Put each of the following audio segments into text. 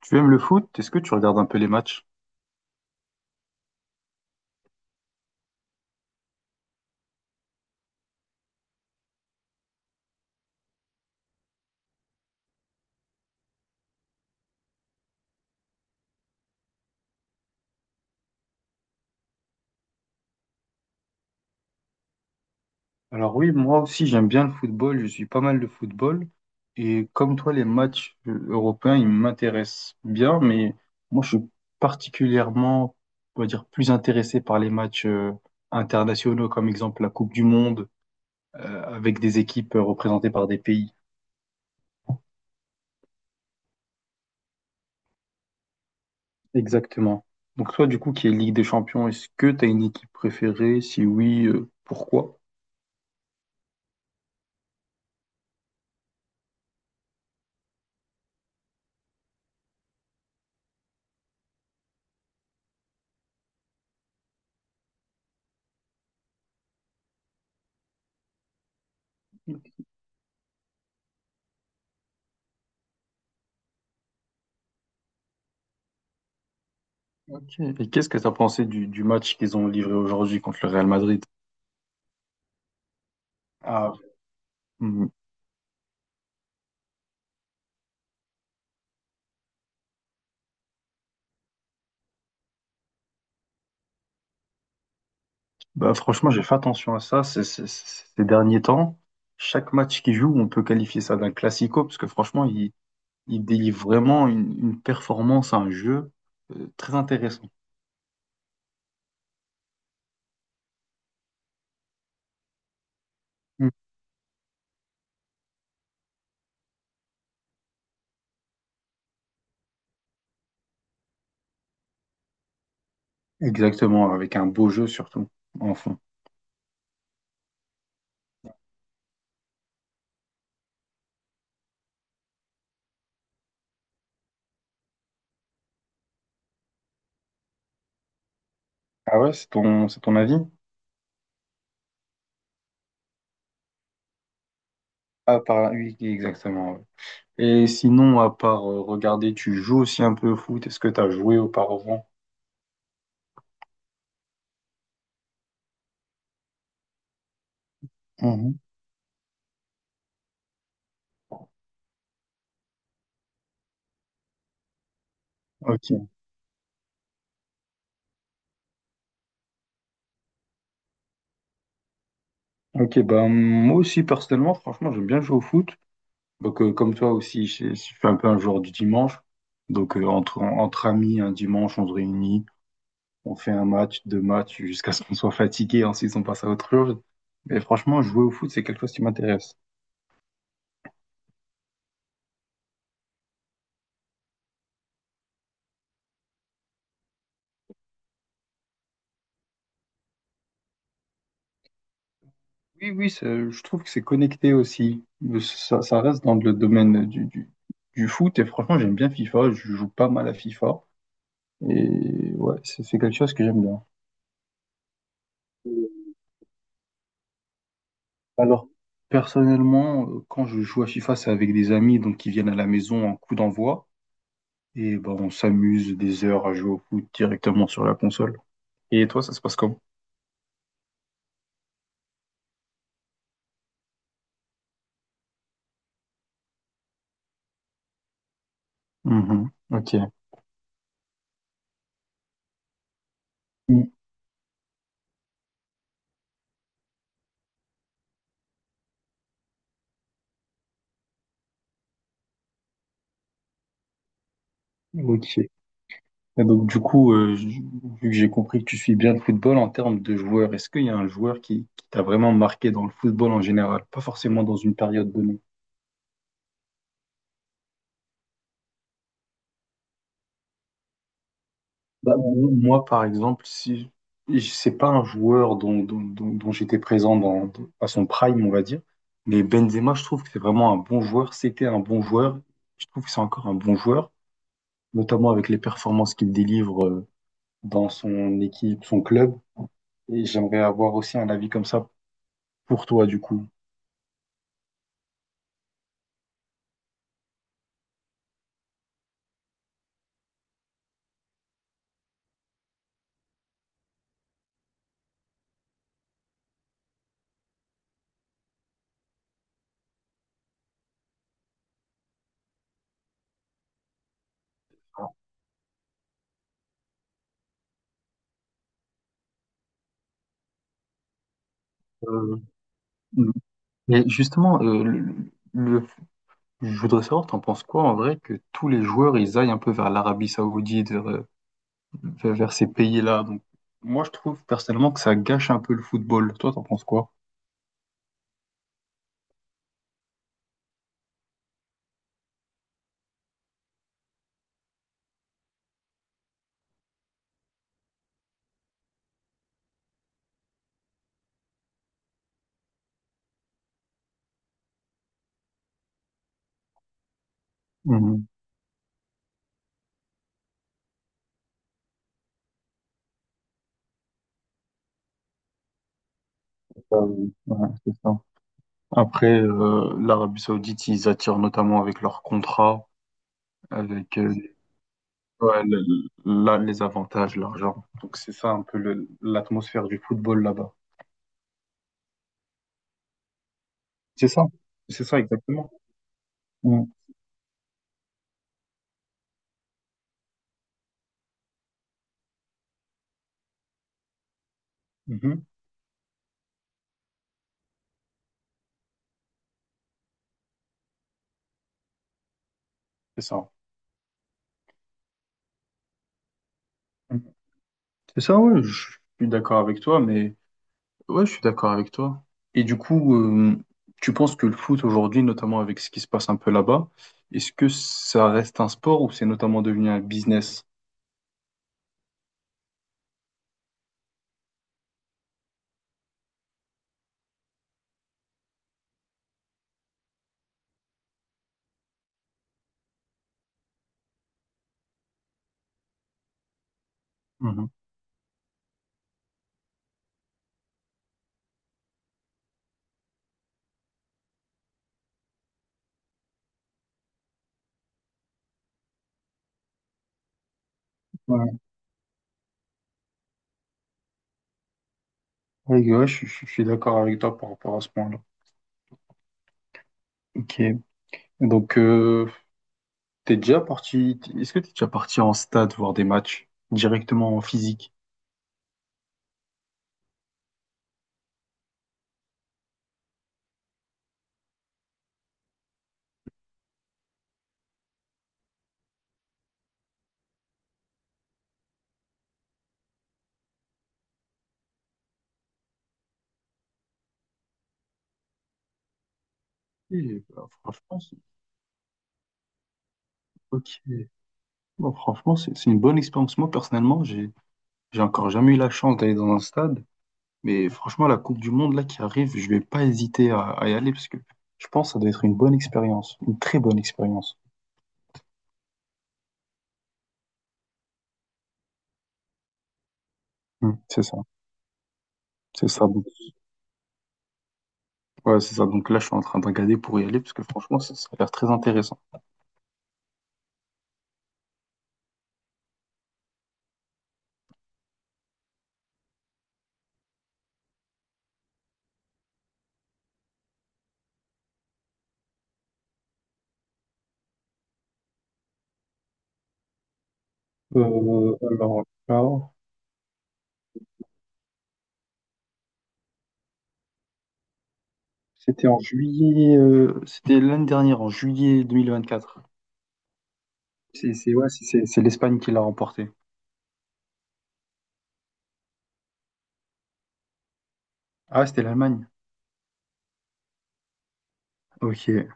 Tu aimes le foot? Est-ce que tu regardes un peu les matchs? Alors oui, moi aussi j'aime bien le football, je suis pas mal de football et comme toi les matchs européens ils m'intéressent bien mais moi je suis particulièrement on va dire plus intéressé par les matchs internationaux comme exemple la Coupe du Monde avec des équipes représentées par des pays. Exactement. Donc toi du coup qui est Ligue des Champions, est-ce que tu as une équipe préférée? Si oui, pourquoi? Ok. Et qu'est-ce que tu as pensé du match qu'ils ont livré aujourd'hui contre le Real Madrid? Ah. Hmm. Bah, franchement, j'ai fait attention à ça ces derniers temps. Chaque match qu'ils jouent, on peut qualifier ça d'un classico, parce que franchement, ils délivrent vraiment une performance, un jeu très intéressant. Hmm. Exactement, avec un beau jeu surtout, en fond. Ah ouais, c'est ton avis? Ah, par... oui, exactement, ouais. Et sinon, à part regarder, tu joues aussi un peu au foot. Est-ce que tu as joué auparavant? Mhm. Ok. Ok, bah, moi aussi, personnellement, franchement, j'aime bien jouer au foot. Donc, comme toi aussi, je suis un peu un joueur du dimanche. Donc, entre amis, un dimanche, on se réunit, on fait un match, deux matchs, jusqu'à ce qu'on soit fatigué. Ensuite, on passe à autre chose. Mais franchement, jouer au foot, c'est quelque chose qui m'intéresse. Oui, oui, c'est- je trouve que c'est connecté aussi. Ça, ça reste dans le domaine du foot. Et franchement, j'aime bien FIFA. Je joue pas mal à FIFA. Et ouais, c'est quelque chose que j'aime bien. Alors, personnellement, quand je joue à FIFA, c'est avec des amis donc qui viennent à la maison en coup d'envoi. Et ben, on s'amuse des heures à jouer au foot directement sur la console. Et toi, ça se passe comment? Mhm. Ok. Mm. Ok. Et donc, du coup, vu que j'ai compris que tu suis bien le football en termes de joueurs, est-ce qu'il y a un joueur qui t'a vraiment marqué dans le football en général? Pas forcément dans une période donnée. Bah, moi, par exemple, si c'est pas un joueur dont j'étais présent à son prime, on va dire, mais Benzema, je trouve que c'est vraiment un bon joueur. C'était un bon joueur. Je trouve que c'est encore un bon joueur, notamment avec les performances qu'il délivre dans son équipe, son club. Et j'aimerais avoir aussi un avis comme ça pour toi, du coup. Euh, et justement, le- je voudrais savoir, t'en penses quoi en vrai que tous les joueurs ils aillent un peu vers l'Arabie Saoudite, vers ces pays-là. Donc, moi, je trouve personnellement que ça gâche un peu le football. Toi, t'en penses quoi? Mhm. Ouais, c'est ça. Après, l'Arabie Saoudite, ils attirent notamment avec leurs contrats, avec ouais, les avantages, l'argent. Donc c'est ça un peu l'atmosphère du football là-bas. C'est ça, c'est ça exactement. Mhm. Mhm. C'est ça. Mhm. C'est ça, oui, je suis d'accord avec toi, mais ouais, je suis d'accord avec toi. Et du coup, tu penses que le foot aujourd'hui, notamment avec ce qui se passe un peu là-bas, est-ce que ça reste un sport ou c'est notamment devenu un business? Mhm. Ouais, ouais, ouais, je suis d'accord avec toi par rapport à ce point-là. Ok. Donc, est-ce que t'es déjà parti en stade voir des matchs directement en physique? Et, bah, franchement, c'est- ok. Bon, franchement, c'est une bonne expérience. Moi, personnellement, j'ai encore jamais eu la chance d'aller dans un stade. Mais franchement, la Coupe du Monde là qui arrive, je vais pas hésiter à y aller parce que je pense que ça doit être une bonne expérience, une très bonne expérience. Hmm, c'est ça, c'est ça. Donc, ouais, c'est ça. Donc là, je suis en train de regarder pour y aller parce que franchement, ça a l'air très intéressant. Alors là, c'était en juillet, c'était l'année dernière, en juillet 2024. Ouais, c'est l'Espagne qui l'a remporté. Ah, c'était l'Allemagne. Ok.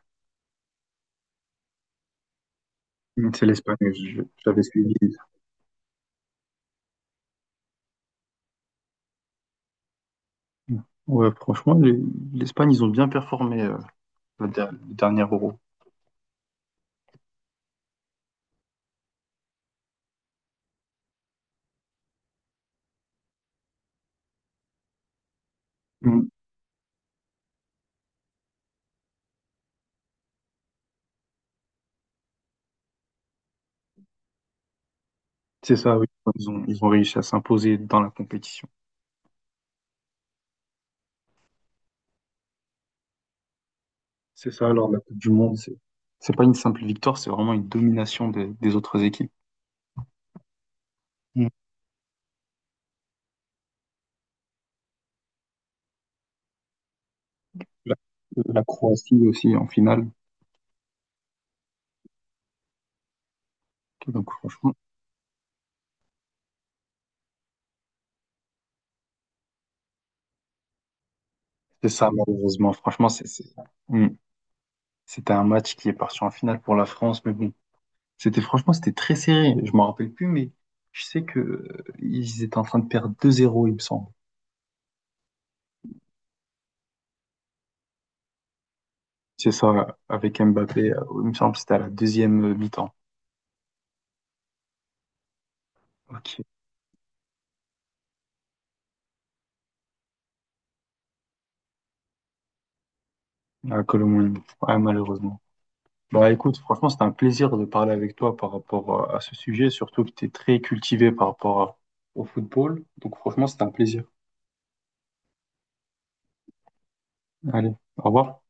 Hmm, c'est l'Espagne. J'avais suivi. Hmm. Ouais, franchement, l'Espagne, ils ont bien performé, le dernier Euro. Mm. C'est ça, oui. Ils ont réussi à s'imposer dans la compétition. C'est ça, alors la Coupe du Monde. C'est pas une simple victoire, c'est vraiment une domination des autres équipes. Mm. La, la Croatie aussi en finale. Donc franchement, c'est ça malheureusement. Franchement, c'est- Mm. C'était un match qui est parti en finale pour la France, mais bon, c'était franchement c'était très serré. Je m'en rappelle plus, mais je sais que ils étaient en train de perdre 2-0 il me semble. C'est ça, avec Mbappé. Il me semble que c'était à la deuxième mi-temps. Ok. Ah, Colomoni. Ah, malheureusement. Bah écoute, franchement, c'était un plaisir de parler avec toi par rapport à ce sujet, surtout que tu es très cultivé par rapport à- au football. Donc franchement, c'était un plaisir. Allez, au revoir.